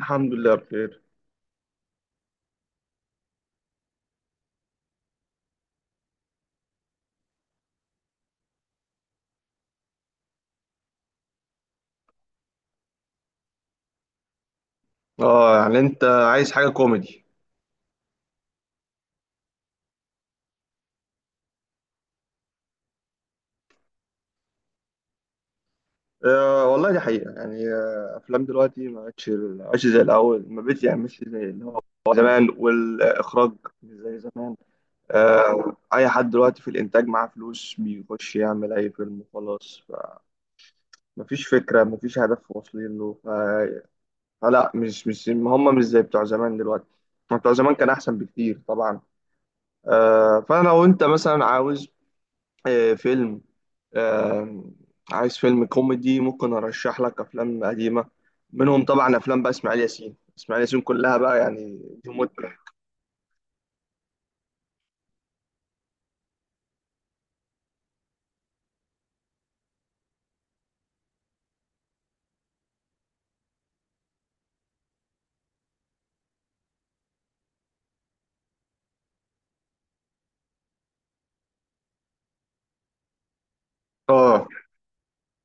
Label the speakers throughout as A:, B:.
A: الحمد لله بخير. اه، يعني انت عايز حاجه كوميدي؟ آه، والله دي حقيقه، يعني افلام دلوقتي ما بقتش زي الاول، ما بقتش يعني مش زي اللي هو زمان، والاخراج مش زي زمان. آه، اي حد دلوقتي في الانتاج معاه فلوس بيخش يعمل اي فيلم وخلاص. مفيش فكره، مفيش هدف واصلين له، فلا مش هم مش زي بتوع زمان دلوقتي. بتوع زمان كان احسن بكتير طبعا. فانا لو انت مثلا عاوز فيلم، آم، عايز فيلم كوميدي ممكن ارشح لك افلام قديمه. منهم طبعا افلام بقى اسماعيل ياسين، اسماعيل ياسين كلها بقى يعني. دي متعه. اه،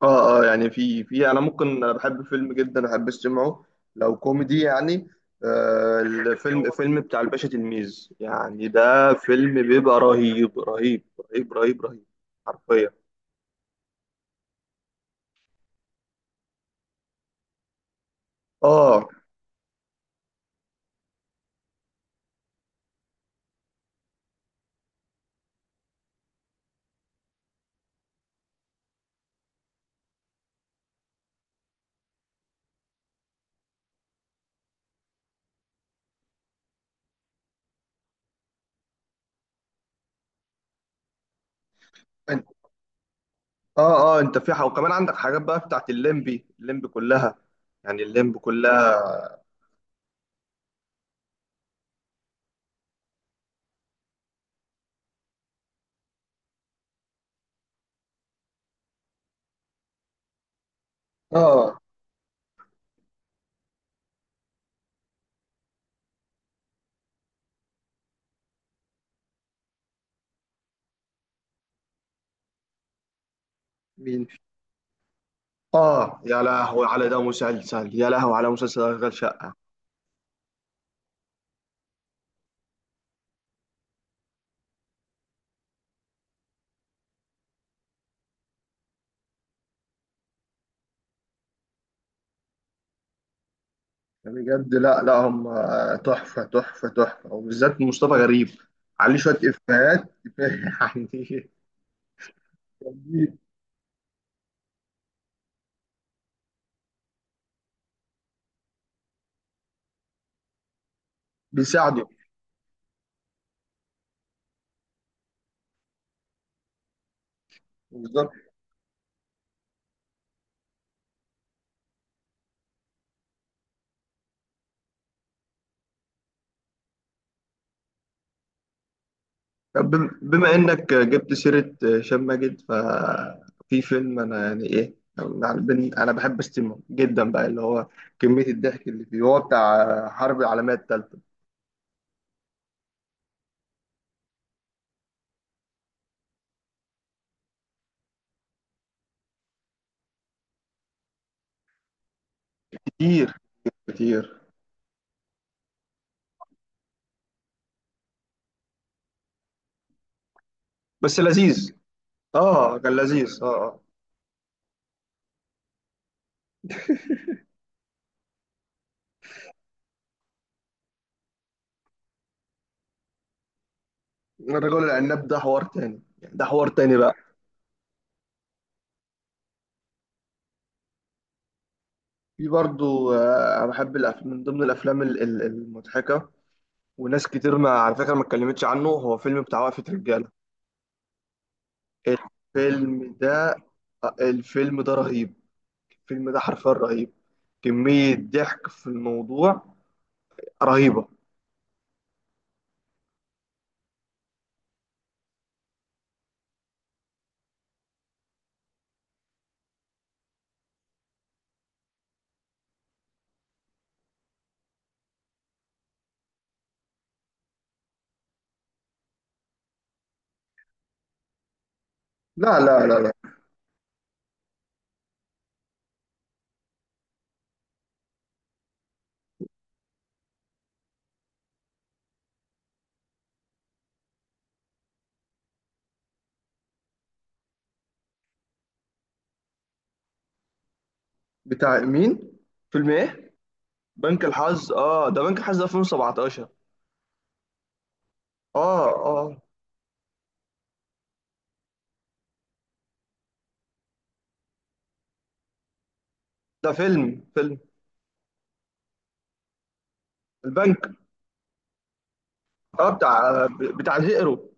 A: اه، اه، يعني في انا ممكن انا بحب فيلم جدا، احب استمعه لو كوميدي يعني. فيلم بتاع الباشا تلميذ، يعني ده فيلم بيبقى رهيب رهيب. رهيب رهيب رهيب. حرفيا. اه، انت اه اه انت في حق، وكمان عندك حاجات بقى بتاعت الليمبي، الليمبي كلها. يعني الليمبي كلها. اه، مين؟ اه، يا لهوي على ده مسلسل، يا لهوي على مسلسل اشغال شقه! يعني بجد، لا، لا، هم تحفه تحفه تحفه، وبالذات مصطفى غريب عليه شويه افيهات. يعني بيساعده. بالظبط. طب، بما انك جبت سيره هشام ماجد، ففي فيلم انا يعني ايه، يعني انا بحب استمه جدا بقى، اللي هو كميه الضحك اللي فيه، هو بتاع حرب العالميه الثالثه. كتير، كتير. بس لذيذ. اه، كان لذيذ، اه، اه. الرجل العناب ده حوار تاني، يعني ده حوار تاني بقى. في برضو، انا بحب الافلام، من ضمن الافلام المضحكه، وناس كتير ما على فكره ما اتكلمتش عنه، هو فيلم بتاع وقفه رجاله. الفيلم ده، الفيلم ده رهيب. الفيلم ده حرفيا رهيب. كميه ضحك في الموضوع رهيبه. لا، لا، لا، لا. بتاع مين؟ فيلم ايه؟ بنك الحظ؟ اه، ده بنك الحظ، ده 2017. اه، اه. ده فيلم. البنك. اه، بتاع الهيرو.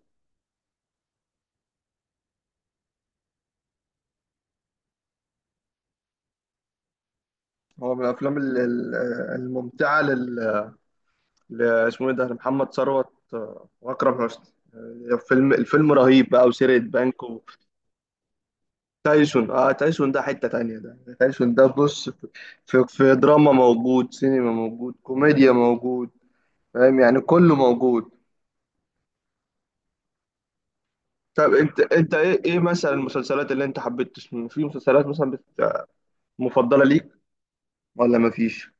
A: هو من الافلام الممتعه، اسمه ايه ده، لمحمد ثروت واكرم حسني. الفيلم رهيب بقى، وسرقه بنك. وتايسون، اه، تايسون ده حته تانية، ده تايسون ده بص في دراما موجود، سينما موجود، كوميديا موجود. فاهم؟ يعني كله موجود. طب انت ايه مثلا المسلسلات اللي انت حبيت تسمع، في مسلسلات مثلا مفضله ليك ولا مفيش؟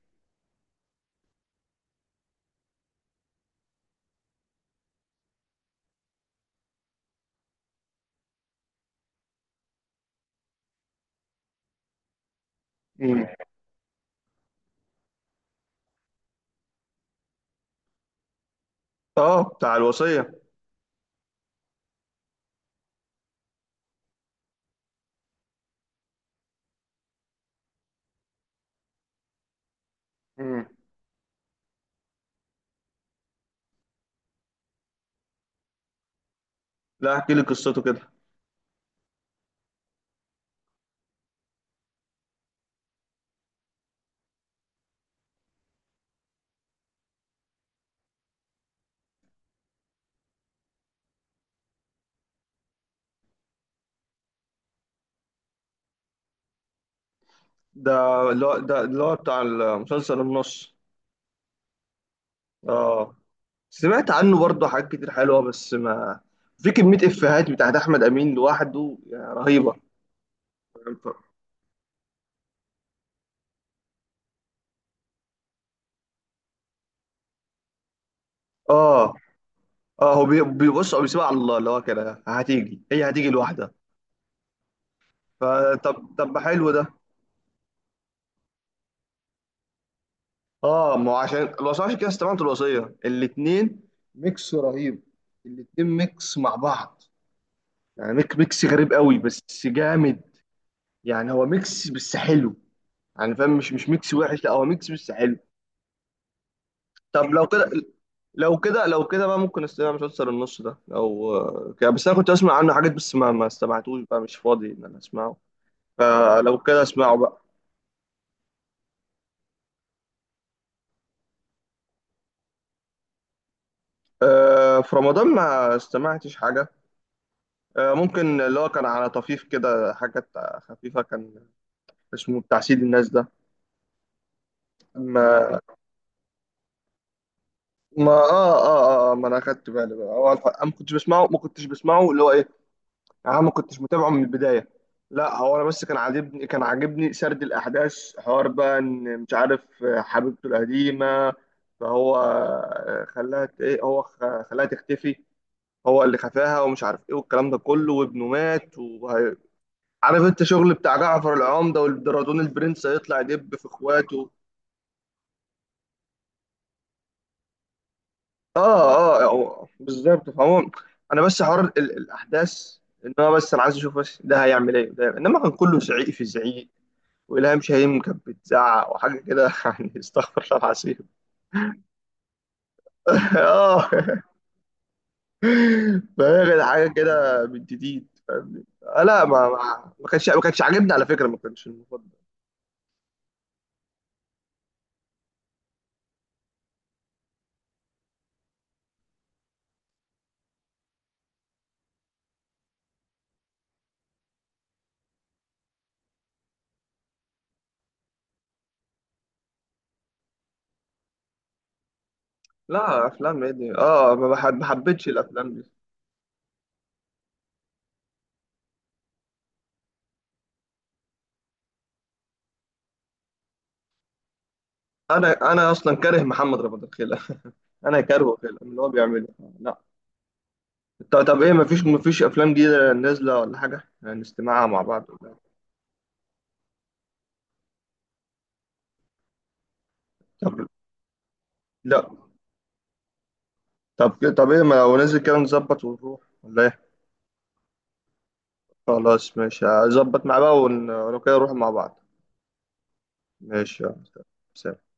A: مم. اه، بتاع الوصيه. مم. لا، احكي لي قصته كده. ده اللي هو بتاع المسلسل النص. اه، سمعت عنه برضه حاجات كتير حلوة، بس ما. في كمية إفيهات بتاعت أحمد أمين لوحده يعني رهيبة. اه، اه، هو بيبص، هو بيسيبها على الله، اللي هو كده هتيجي، هي هتيجي لوحدها. فطب طب، حلو ده. اه، ما هو عشان الوصية، عشان كده استمعت الوصية الاتنين، ميكس رهيب. الاتنين ميكس مع بعض. يعني ميكس غريب قوي، بس جامد. يعني هو ميكس بس حلو. يعني فاهم؟ مش ميكس وحش، لا هو ميكس بس حلو. طب لو كده بقى ممكن استمع مسلسل النص ده لو كده، بس انا كنت اسمع عنه حاجات، بس ما استمعتوش بقى، مش فاضي ان انا اسمعه. فلو كده اسمعه بقى. في رمضان ما استمعتش حاجة. ممكن اللي هو كان على طفيف كده حاجات، خفيفة كان. اسمه بتاع سيد الناس ده. ما ما. اه، اه، اه، ما انا اخدت بالي بقى، هو أنا ما كنتش بسمعه اللي هو ايه. يعني انا ما كنتش متابعه من البدايه. لا هو انا بس كان عاجبني سرد الاحداث، حوار بقى ان مش عارف حبيبته القديمه. فهو خلاها ايه، هو خلاها تختفي. هو اللي خفاها، ومش عارف ايه والكلام ده كله، وابنه مات وعارف. انت شغل بتاع جعفر العمده، والدرادون البرنس هيطلع يدب في اخواته. اه، اه، بالظبط، فهو. انا بس حوار الاحداث، ان هو بس انا عايز اشوف بس ده هيعمل ايه، ده انما كان كله زعيق في زعيق. والهام شاهين كانت بتزعق وحاجه كده. يعني استغفر الله العظيم. اه، فهي كانت حاجه كده بنت تيت، فاهمني؟ لا، ما كانش عاجبني على فكره، ما كانش المفضل. لا، افلام ايه دي، اه، ما حبيتش الافلام دي. انا اصلا كاره محمد رمضان خيلة. انا كارهه خيلة من اللي هو بيعمله. لا. طب طب، ايه، ما فيش افلام جديده نازله ولا حاجه نستمعها مع بعض، ولا إيه؟ طب. لا. طب طب، ايه، ما لو نازل كده نظبط ونروح، ولا ايه؟ خلاص، ماشي، هظبط مع بقى، ولو كده نروح مع بعض. ماشي، يلا. سلام.